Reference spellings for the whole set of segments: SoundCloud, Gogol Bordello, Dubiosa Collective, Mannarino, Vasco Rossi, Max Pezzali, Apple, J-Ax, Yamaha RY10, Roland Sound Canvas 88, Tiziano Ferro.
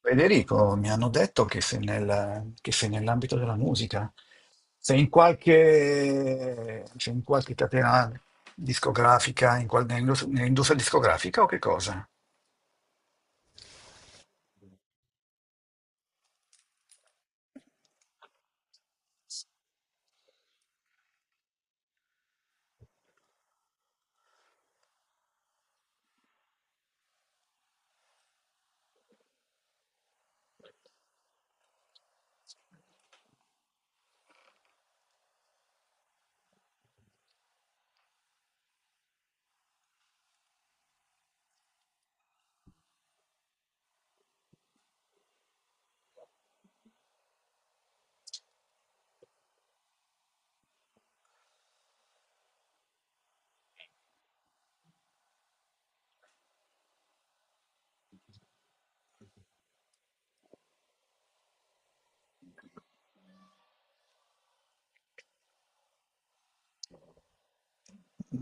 Federico, mi hanno detto che che sei nell'ambito della musica, sei in qualche catena discografica, nell'industria discografica o che cosa?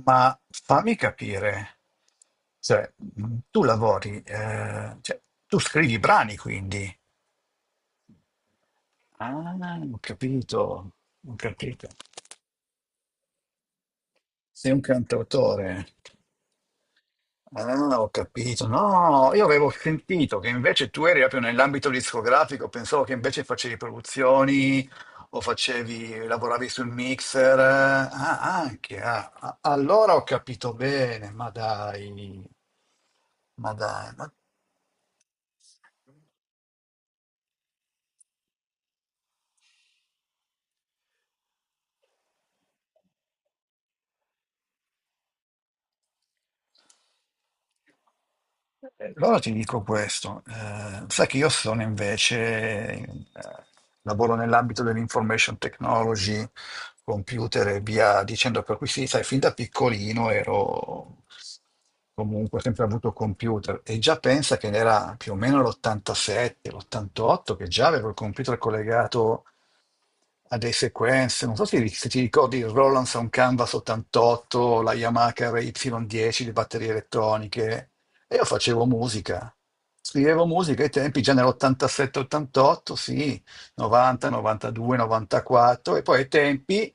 Ma fammi capire, cioè, tu lavori, tu scrivi brani quindi. Ah, ho capito, ho capito. Sei un cantautore. Ah, ho capito. No, io avevo sentito che invece tu eri proprio nell'ambito discografico, pensavo che invece facevi produzioni o facevi, lavoravi sul mixer. Ah, anche. Ah. Ah, allora ho capito bene, ma dai. Ma dai, ma... Allora ti dico questo, sai che io sono invece, lavoro nell'ambito dell'information technology, computer e via dicendo, per cui sì, sai, fin da piccolino ero comunque sempre avuto computer e già pensa che era più o meno l'87, l'88 che già avevo il computer collegato a dei sequenze, non so se, se ti ricordi il Roland Sound Canvas 88, la Yamaha RY10, le batterie elettroniche, e io facevo musica. Scrivevo musica ai tempi, già nell'87-88, sì, 90, 92, 94, e poi ai tempi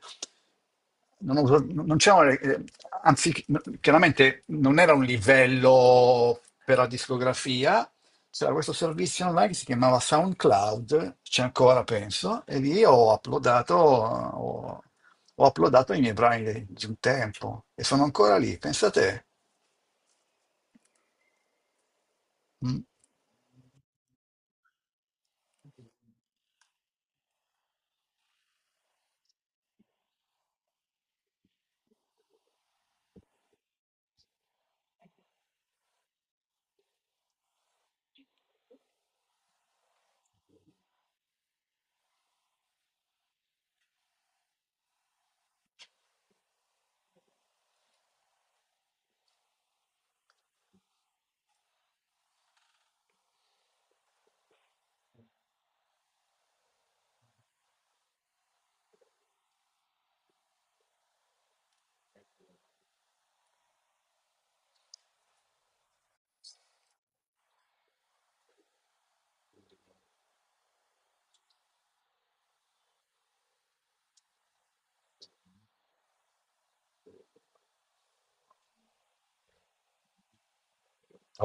non c'erano, anzi, chiaramente non era un livello per la discografia, c'era questo servizio online che si chiamava SoundCloud, c'è ancora penso, e lì ho uploadato i miei brani di un tempo e sono ancora lì, pensate. Mm.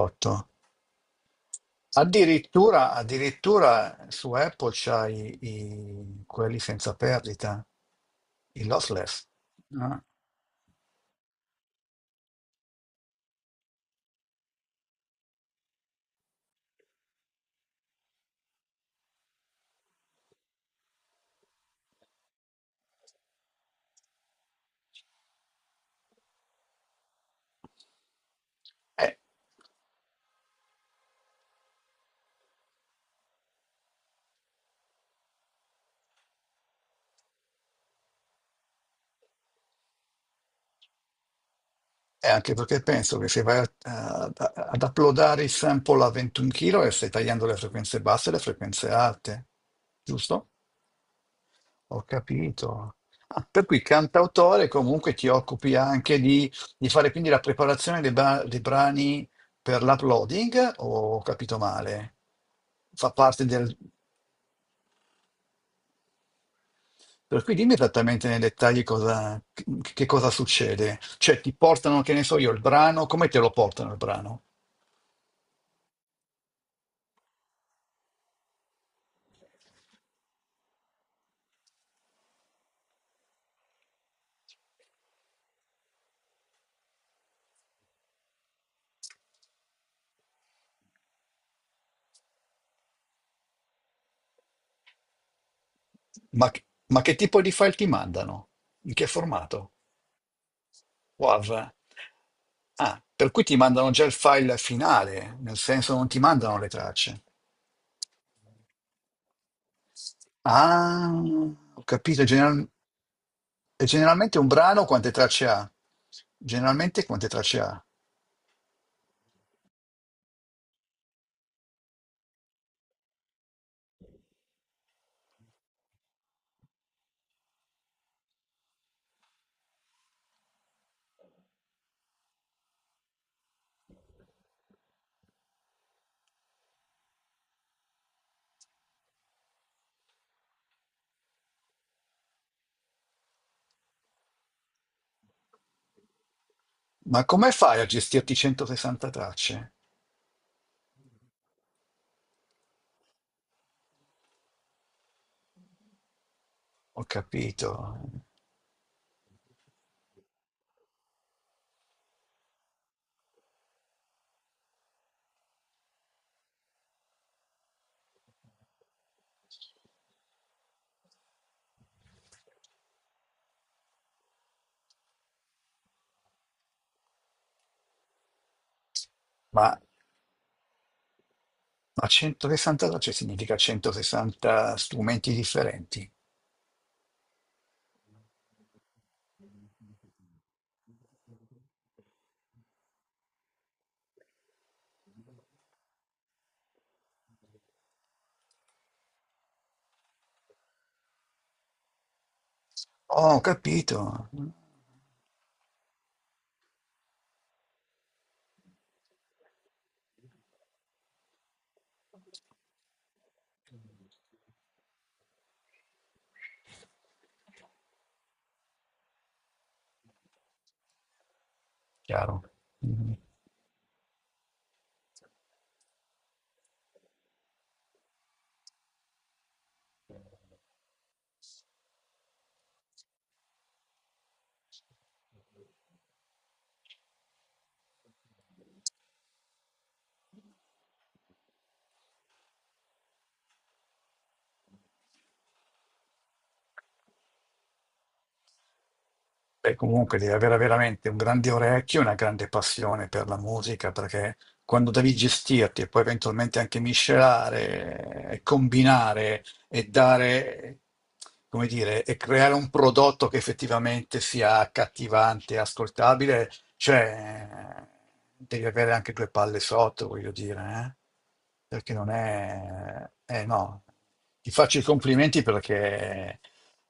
Otto. Addirittura, addirittura su Apple c'hai i, quelli senza perdita, i lossless, no? Eh, E anche perché penso che se vai ad uploadare il sample a 21 kg stai tagliando le frequenze basse e le frequenze alte, giusto? Ho capito. Ah, per cui cantautore comunque ti occupi anche di fare quindi la preparazione dei brani per l'uploading, o ho capito male? Fa parte del... Per cui dimmi esattamente nei dettagli cosa, che cosa succede. Cioè ti portano, che ne so io, il brano, come te lo portano il brano? Ma che tipo di file ti mandano? In che formato? WAV? Ah, per cui ti mandano già il file finale, nel senso non ti mandano le tracce. Ah, ho capito. E generalmente un brano quante tracce ha? Generalmente quante tracce ha? Ma come fai a gestirti 160 tracce? Ho capito. Ma, ma 160 tracce significa 160 strumenti differenti. Oh, ho capito. Chiaro. Mm-hmm. Beh, comunque devi avere veramente un grande orecchio e una grande passione per la musica, perché quando devi gestirti e poi eventualmente anche miscelare, e combinare e dare, come dire, e creare un prodotto che effettivamente sia accattivante e ascoltabile, cioè, devi avere anche due palle sotto, voglio dire, eh? Perché non è... Eh no, ti faccio i complimenti perché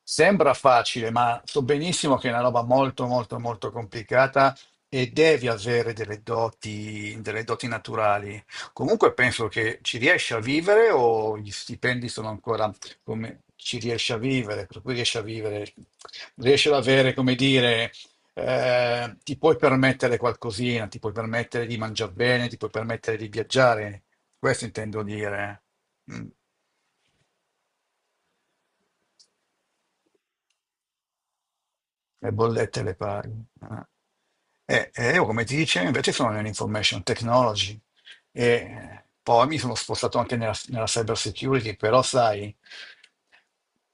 sembra facile, ma so benissimo che è una roba molto, molto, molto complicata e devi avere delle doti naturali. Comunque penso che ci riesci a vivere o gli stipendi sono ancora come ci riesci a vivere, per cui riesci a vivere, riesci ad avere, come dire ti puoi permettere qualcosina, ti puoi permettere di mangiare bene, ti puoi permettere di viaggiare, questo intendo dire. Eh. Mm. Le bollette le paghi. Eh. E io, come ti dicevo, invece sono nell'information technology e poi mi sono spostato anche nella cyber security, però sai,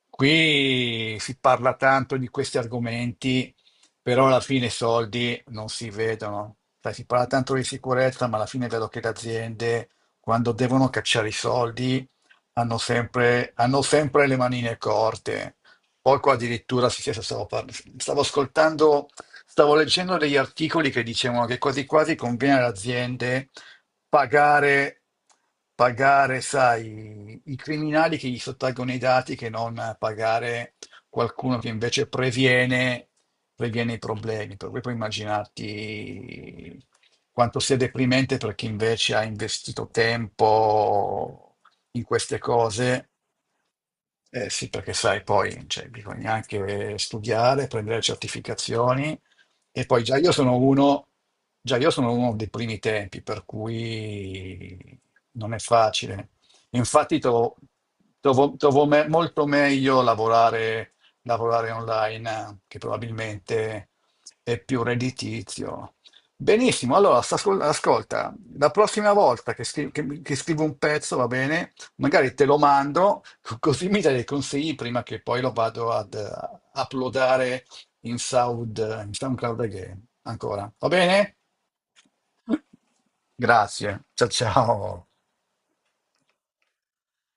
qui si parla tanto di questi argomenti, però alla fine i soldi non si vedono. Sai, si parla tanto di sicurezza, ma alla fine vedo che le aziende, quando devono cacciare i soldi, hanno sempre le manine corte. Poco addirittura, sì, sì, adesso stavo, stavo ascoltando, stavo leggendo degli articoli che dicevano che quasi quasi conviene alle aziende pagare, pagare, sai, i criminali che gli sottraggono i dati che non pagare qualcuno che invece previene i problemi. Per cui puoi immaginarti quanto sia deprimente per chi invece ha investito tempo in queste cose, eh sì, perché sai, poi cioè, bisogna anche studiare, prendere certificazioni e poi già io sono uno dei primi tempi, per cui non è facile. Infatti trovo molto meglio lavorare, online, che probabilmente è più redditizio. Benissimo, allora ascolta, la prossima volta che, che scrivo un pezzo, va bene? Magari te lo mando, così mi dai dei consigli prima che poi lo vado ad uploadare in in SoundCloud again. Ancora. Va bene? Grazie. Ciao ciao.